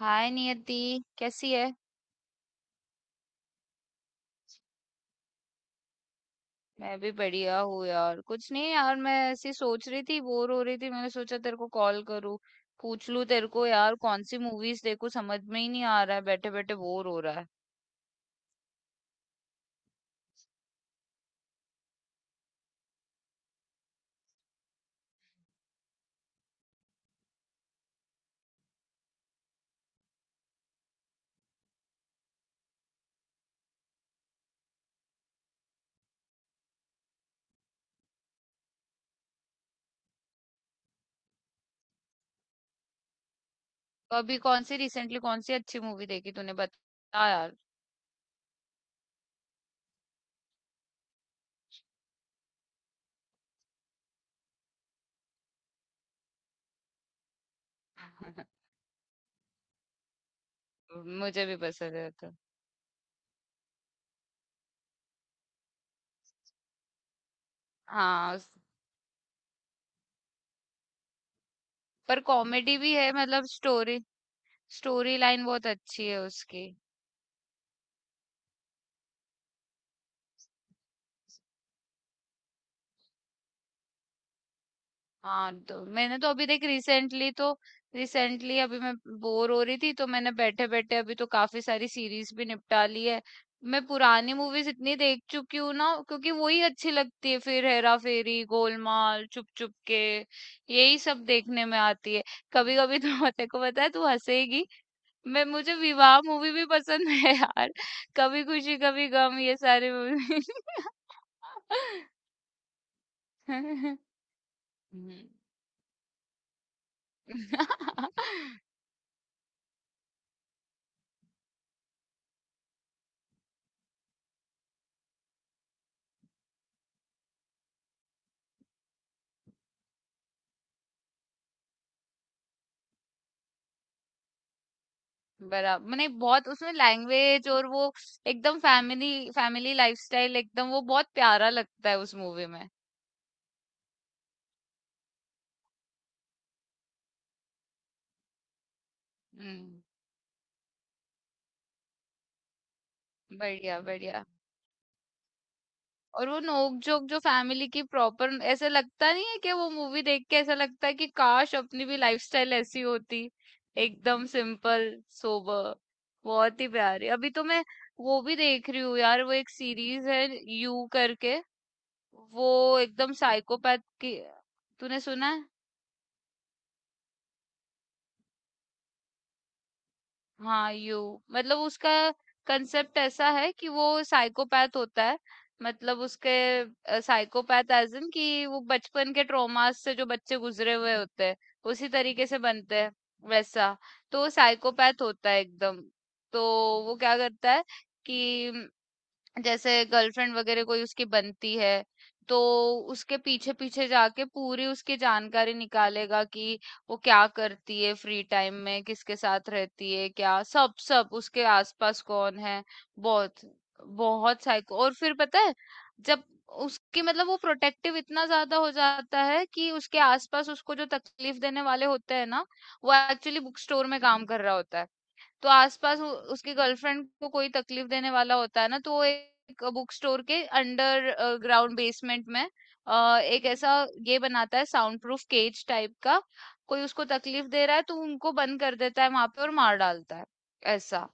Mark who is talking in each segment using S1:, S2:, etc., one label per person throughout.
S1: हाय नियति। कैसी है। मैं भी बढ़िया हूँ यार। कुछ नहीं यार, मैं ऐसी सोच रही थी, बोर हो रही थी, मैंने सोचा तेरे को कॉल करूँ, पूछ लूँ तेरे को यार कौन सी मूवीज देखूँ। समझ में ही नहीं आ रहा है, बैठे बैठे बोर हो रहा है। तो अभी कौन सी रिसेंटली कौन सी अच्छी मूवी देखी तूने, बता यार। मुझे भी पसंद है तो। हाँ। पर कॉमेडी भी है, मतलब स्टोरी, स्टोरी लाइन बहुत अच्छी है उसकी। हाँ, तो मैंने तो अभी देख रिसेंटली तो रिसेंटली अभी मैं बोर हो रही थी तो मैंने बैठे बैठे अभी तो काफी सारी सीरीज भी निपटा ली है। मैं पुरानी मूवीज इतनी देख चुकी हूँ ना, क्योंकि वही अच्छी लगती है। फिर हेरा फेरी, गोलमाल, चुप चुप के, यही सब देखने में आती है। कभी कभी तो तेरे को पता है, तू हंसेगी। मैं मुझे विवाह मूवी भी पसंद है यार। कभी खुशी कभी गम, ये सारी मूवी। हम्म। बराबर, मैंने बहुत उसमें लैंग्वेज और वो एकदम फैमिली फैमिली लाइफस्टाइल एकदम वो बहुत प्यारा लगता है उस मूवी में। हम्म। बढ़िया बढ़िया। और वो नोक जोक जो फैमिली की प्रॉपर, ऐसे लगता नहीं है कि वो मूवी देख के ऐसा लगता है कि काश अपनी भी लाइफस्टाइल ऐसी होती। एकदम सिंपल, सोबर, बहुत ही प्यारी। अभी तो मैं वो भी देख रही हूँ यार, वो एक सीरीज है यू करके। वो एकदम साइकोपैथ की। तूने सुना है? हाँ, यू मतलब उसका कंसेप्ट ऐसा है कि वो साइकोपैथ होता है। मतलब उसके साइकोपैथ एज इन कि वो बचपन के ट्रॉमास से जो बच्चे गुजरे हुए होते हैं, उसी तरीके से बनते हैं, वैसा। तो वो साइकोपैथ होता है एकदम। तो वो क्या करता है कि जैसे गर्लफ्रेंड वगैरह कोई उसकी बनती है, तो उसके पीछे पीछे जाके पूरी उसकी जानकारी निकालेगा कि वो क्या करती है, फ्री टाइम में किसके साथ रहती है, क्या सब सब उसके आसपास कौन है। बहुत बहुत साइको। और फिर पता है, जब उसकी मतलब वो प्रोटेक्टिव इतना ज्यादा हो जाता है कि उसके आसपास उसको जो तकलीफ देने वाले होते हैं ना, वो एक्चुअली बुक स्टोर में काम कर रहा होता है। तो आसपास उ उसकी गर्लफ्रेंड को कोई तकलीफ देने वाला होता है ना, तो वो एक बुक स्टोर के अंडर ग्राउंड बेसमेंट में एक ऐसा ये बनाता है साउंड प्रूफ केज टाइप का। कोई उसको तकलीफ दे रहा है तो उनको बंद कर देता है वहाँ पे और मार डालता है, ऐसा।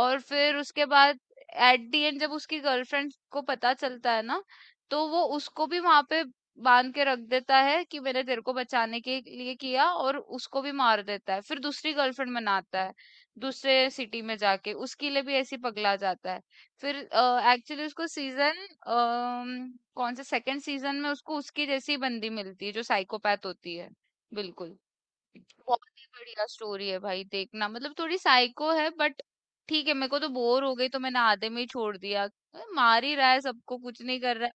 S1: और फिर उसके बाद एट द एंड जब उसकी गर्लफ्रेंड को पता चलता है ना, तो वो उसको भी वहां पे बांध के रख देता है कि मैंने तेरे को बचाने के लिए किया, और उसको भी मार देता है। फिर दूसरी गर्लफ्रेंड बनाता है दूसरे सिटी में जाके, उसके लिए भी ऐसी पगला जाता है। फिर एक्चुअली उसको सीजन कौन से सेकंड सीजन में उसको उसकी जैसी बंदी मिलती है जो साइकोपैथ होती है। बिल्कुल, बहुत ही बढ़िया स्टोरी है भाई, देखना। मतलब थोड़ी साइको है बट ठीक है। मेरे को तो बोर हो गई तो मैंने आधे में ही छोड़ दिया, अरे मार ही रहा है सबको, कुछ नहीं कर रहा है।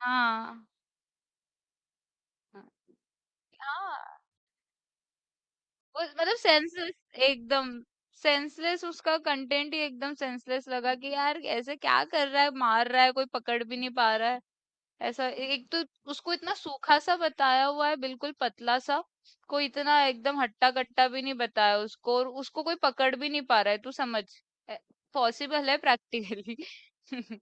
S1: हाँ हाँ हाँ। वो मतलब सेंसलेस, एकदम सेंसलेस, उसका कंटेंट ही एकदम सेंसलेस लगा कि यार ऐसे क्या कर रहा है, मार रहा है, कोई पकड़ भी नहीं पा रहा है। ऐसा। एक तो उसको इतना सूखा सा बताया हुआ है, बिल्कुल पतला सा। कोई इतना एकदम हट्टा कट्टा भी नहीं बताया उसको, और उसको कोई पकड़ भी नहीं पा रहा है, तू समझ, पॉसिबल है प्रैक्टिकली।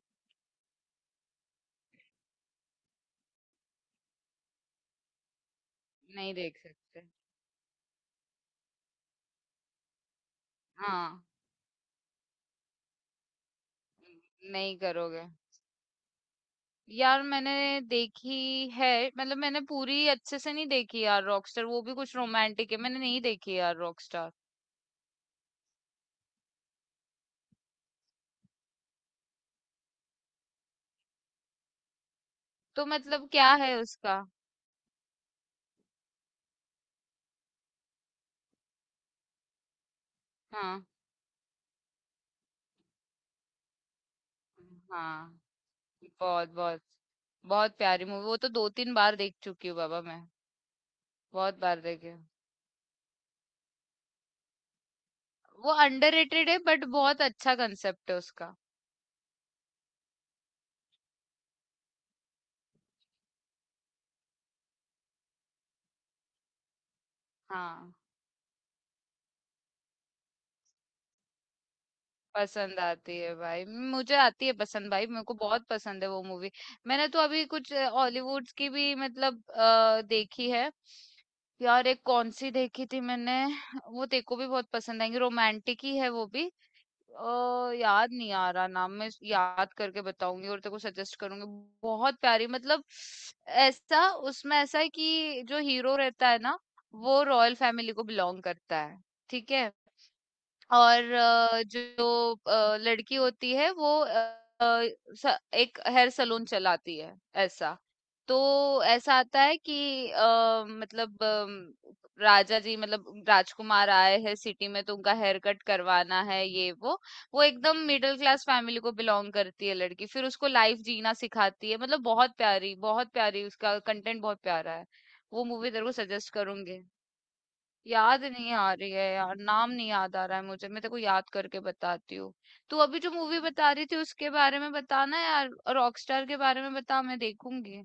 S1: नहीं देख सकते। हाँ, नहीं करोगे। यार मैंने देखी है, मतलब मैंने पूरी अच्छे से नहीं देखी यार रॉकस्टार, वो भी कुछ रोमांटिक है, मैंने नहीं देखी यार रॉकस्टार। तो मतलब क्या है उसका? हाँ हाँ, बहुत बहुत बहुत प्यारी मूवी, वो तो दो तीन बार देख चुकी हूँ बाबा मैं। बहुत बार देखी हूँ। वो अंडररेटेड है बट बहुत अच्छा कंसेप्ट है उसका। हाँ, पसंद आती है भाई। मुझे आती है पसंद भाई, मेरे को बहुत पसंद है वो मूवी। मैंने तो अभी कुछ हॉलीवुड की भी मतलब देखी है। यार एक कौन सी देखी थी मैंने, वो तेको भी बहुत पसंद आएंगी, रोमांटिक ही है वो भी। याद नहीं आ रहा नाम, मैं याद करके बताऊंगी और तेरे को सजेस्ट करूंगी। बहुत प्यारी मतलब, ऐसा उसमें ऐसा है कि जो हीरो रहता है ना, वो रॉयल फैमिली को बिलोंग करता है, ठीक है। और जो लड़की होती है, वो एक हेयर सलून चलाती है, ऐसा। तो ऐसा आता है कि मतलब राजा जी मतलब राजकुमार आए हैं सिटी में, तो उनका हेयर कट करवाना है ये वो। वो एकदम मिडिल क्लास फैमिली को बिलोंग करती है लड़की, फिर उसको लाइफ जीना सिखाती है, मतलब बहुत प्यारी बहुत प्यारी, उसका कंटेंट बहुत प्यारा है। वो मूवी तेरे को सजेस्ट करूंगी। याद नहीं आ रही है यार, नाम नहीं याद आ रहा है मुझे, मैं तेको याद करके बताती हूँ। तू अभी जो मूवी बता रही थी उसके बारे में बताना यार, रॉकस्टार के बारे में बता, मैं देखूंगी।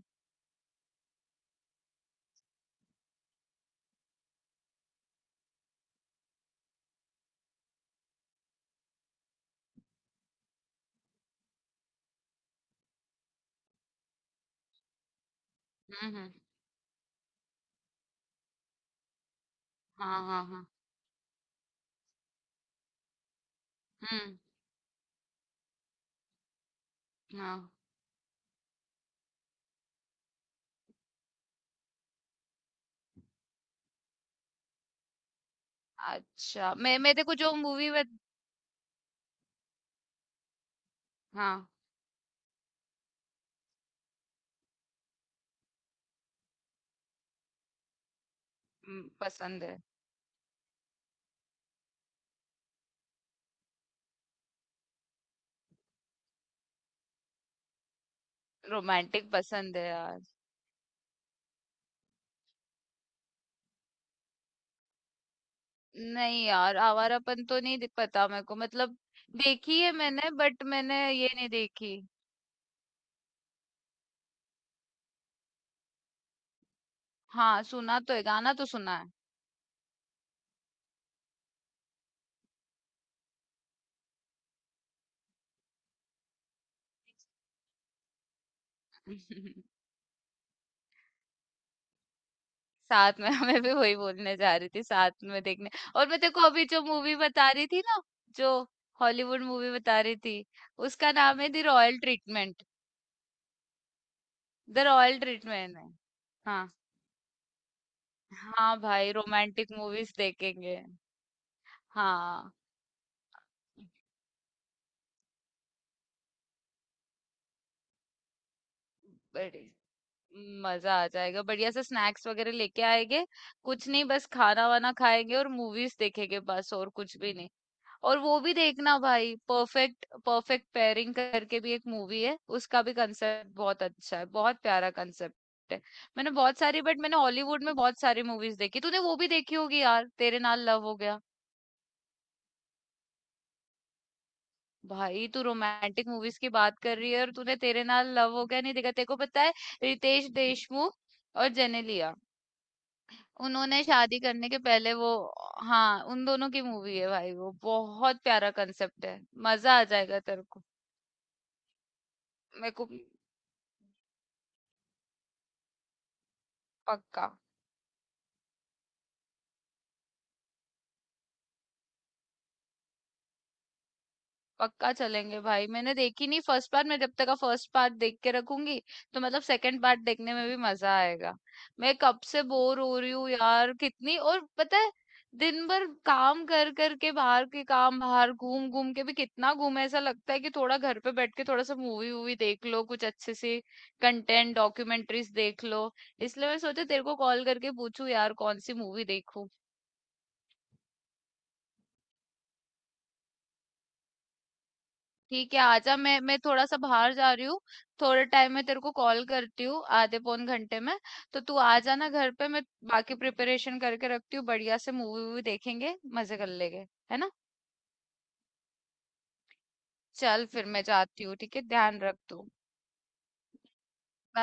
S1: हम्म। हम्म। हाँ हाँ हाँ। हम्म। हाँ। अच्छा, मैं तेको जो मूवी हाँ। पसंद है। रोमांटिक पसंद है यार। नहीं यार, आवारापन तो नहीं पता मेरे को मतलब। देखी है मैंने बट मैंने ये नहीं देखी। हाँ सुना तो है, गाना तो सुना है। साथ में मैं भी वही बोलने जा रही थी, साथ में देखने। और मैं तेरे को अभी जो मूवी बता रही थी ना, जो हॉलीवुड मूवी बता रही थी, उसका नाम है the royal treatment. The royal treatment है। हाँ। हाँ भाई, रोमांटिक मूवीज देखेंगे। हाँ। बड़ी मजा आ जाएगा, बढ़िया से स्नैक्स वगैरह लेके आएंगे। कुछ नहीं, बस खाना वाना खाएंगे और मूवीज देखेंगे, बस और कुछ भी नहीं। और वो भी देखना भाई, परफेक्ट परफेक्ट पेयरिंग करके भी एक मूवी है, उसका भी कंसेप्ट बहुत अच्छा है, बहुत प्यारा कंसेप्ट है। मैंने बहुत सारी बट मैंने, हॉलीवुड में बहुत सारी मूवीज देखी, तूने वो भी देखी होगी यार, तेरे नाल लव हो गया। भाई तू रोमांटिक मूवीज की बात कर रही है और तूने तेरे नाल लव हो गया नहीं देखा? तेरे को पता है, रितेश देशमुख और जेनेलिया, उन्होंने शादी करने के पहले वो। हाँ, उन दोनों की मूवी है भाई, वो बहुत प्यारा कंसेप्ट है। मजा आ जाएगा तेरे को। मेरे को पक्का। पक्का चलेंगे भाई, मैंने देखी नहीं फर्स्ट पार्ट, मैं जब तक का फर्स्ट पार्ट देख के रखूंगी तो मतलब सेकंड पार्ट देखने में भी मजा आएगा। मैं कब से बोर हो रही हूँ यार कितनी, और पता है, दिन भर काम कर कर के, बाहर के काम, बाहर घूम घूम के भी कितना घूमे, ऐसा लगता है कि थोड़ा घर पे बैठ के थोड़ा सा मूवी वूवी देख लो, कुछ अच्छे से कंटेंट, डॉक्यूमेंट्रीज देख लो। इसलिए मैं सोचा तेरे को कॉल करके पूछूं यार कौन सी मूवी देखूं। ठीक है, आजा। मैं थोड़ा सा बाहर जा रही हूँ। थोड़े टाइम में तेरे को कॉल करती हूँ, आधे पौन घंटे में। तो तू आ जाना घर पे, मैं बाकी प्रिपरेशन करके रखती हूँ, बढ़िया से मूवी वूवी देखेंगे, मजे कर लेंगे। है ना? चल फिर मैं जाती हूँ, ठीक है, ध्यान रख तू। बाय।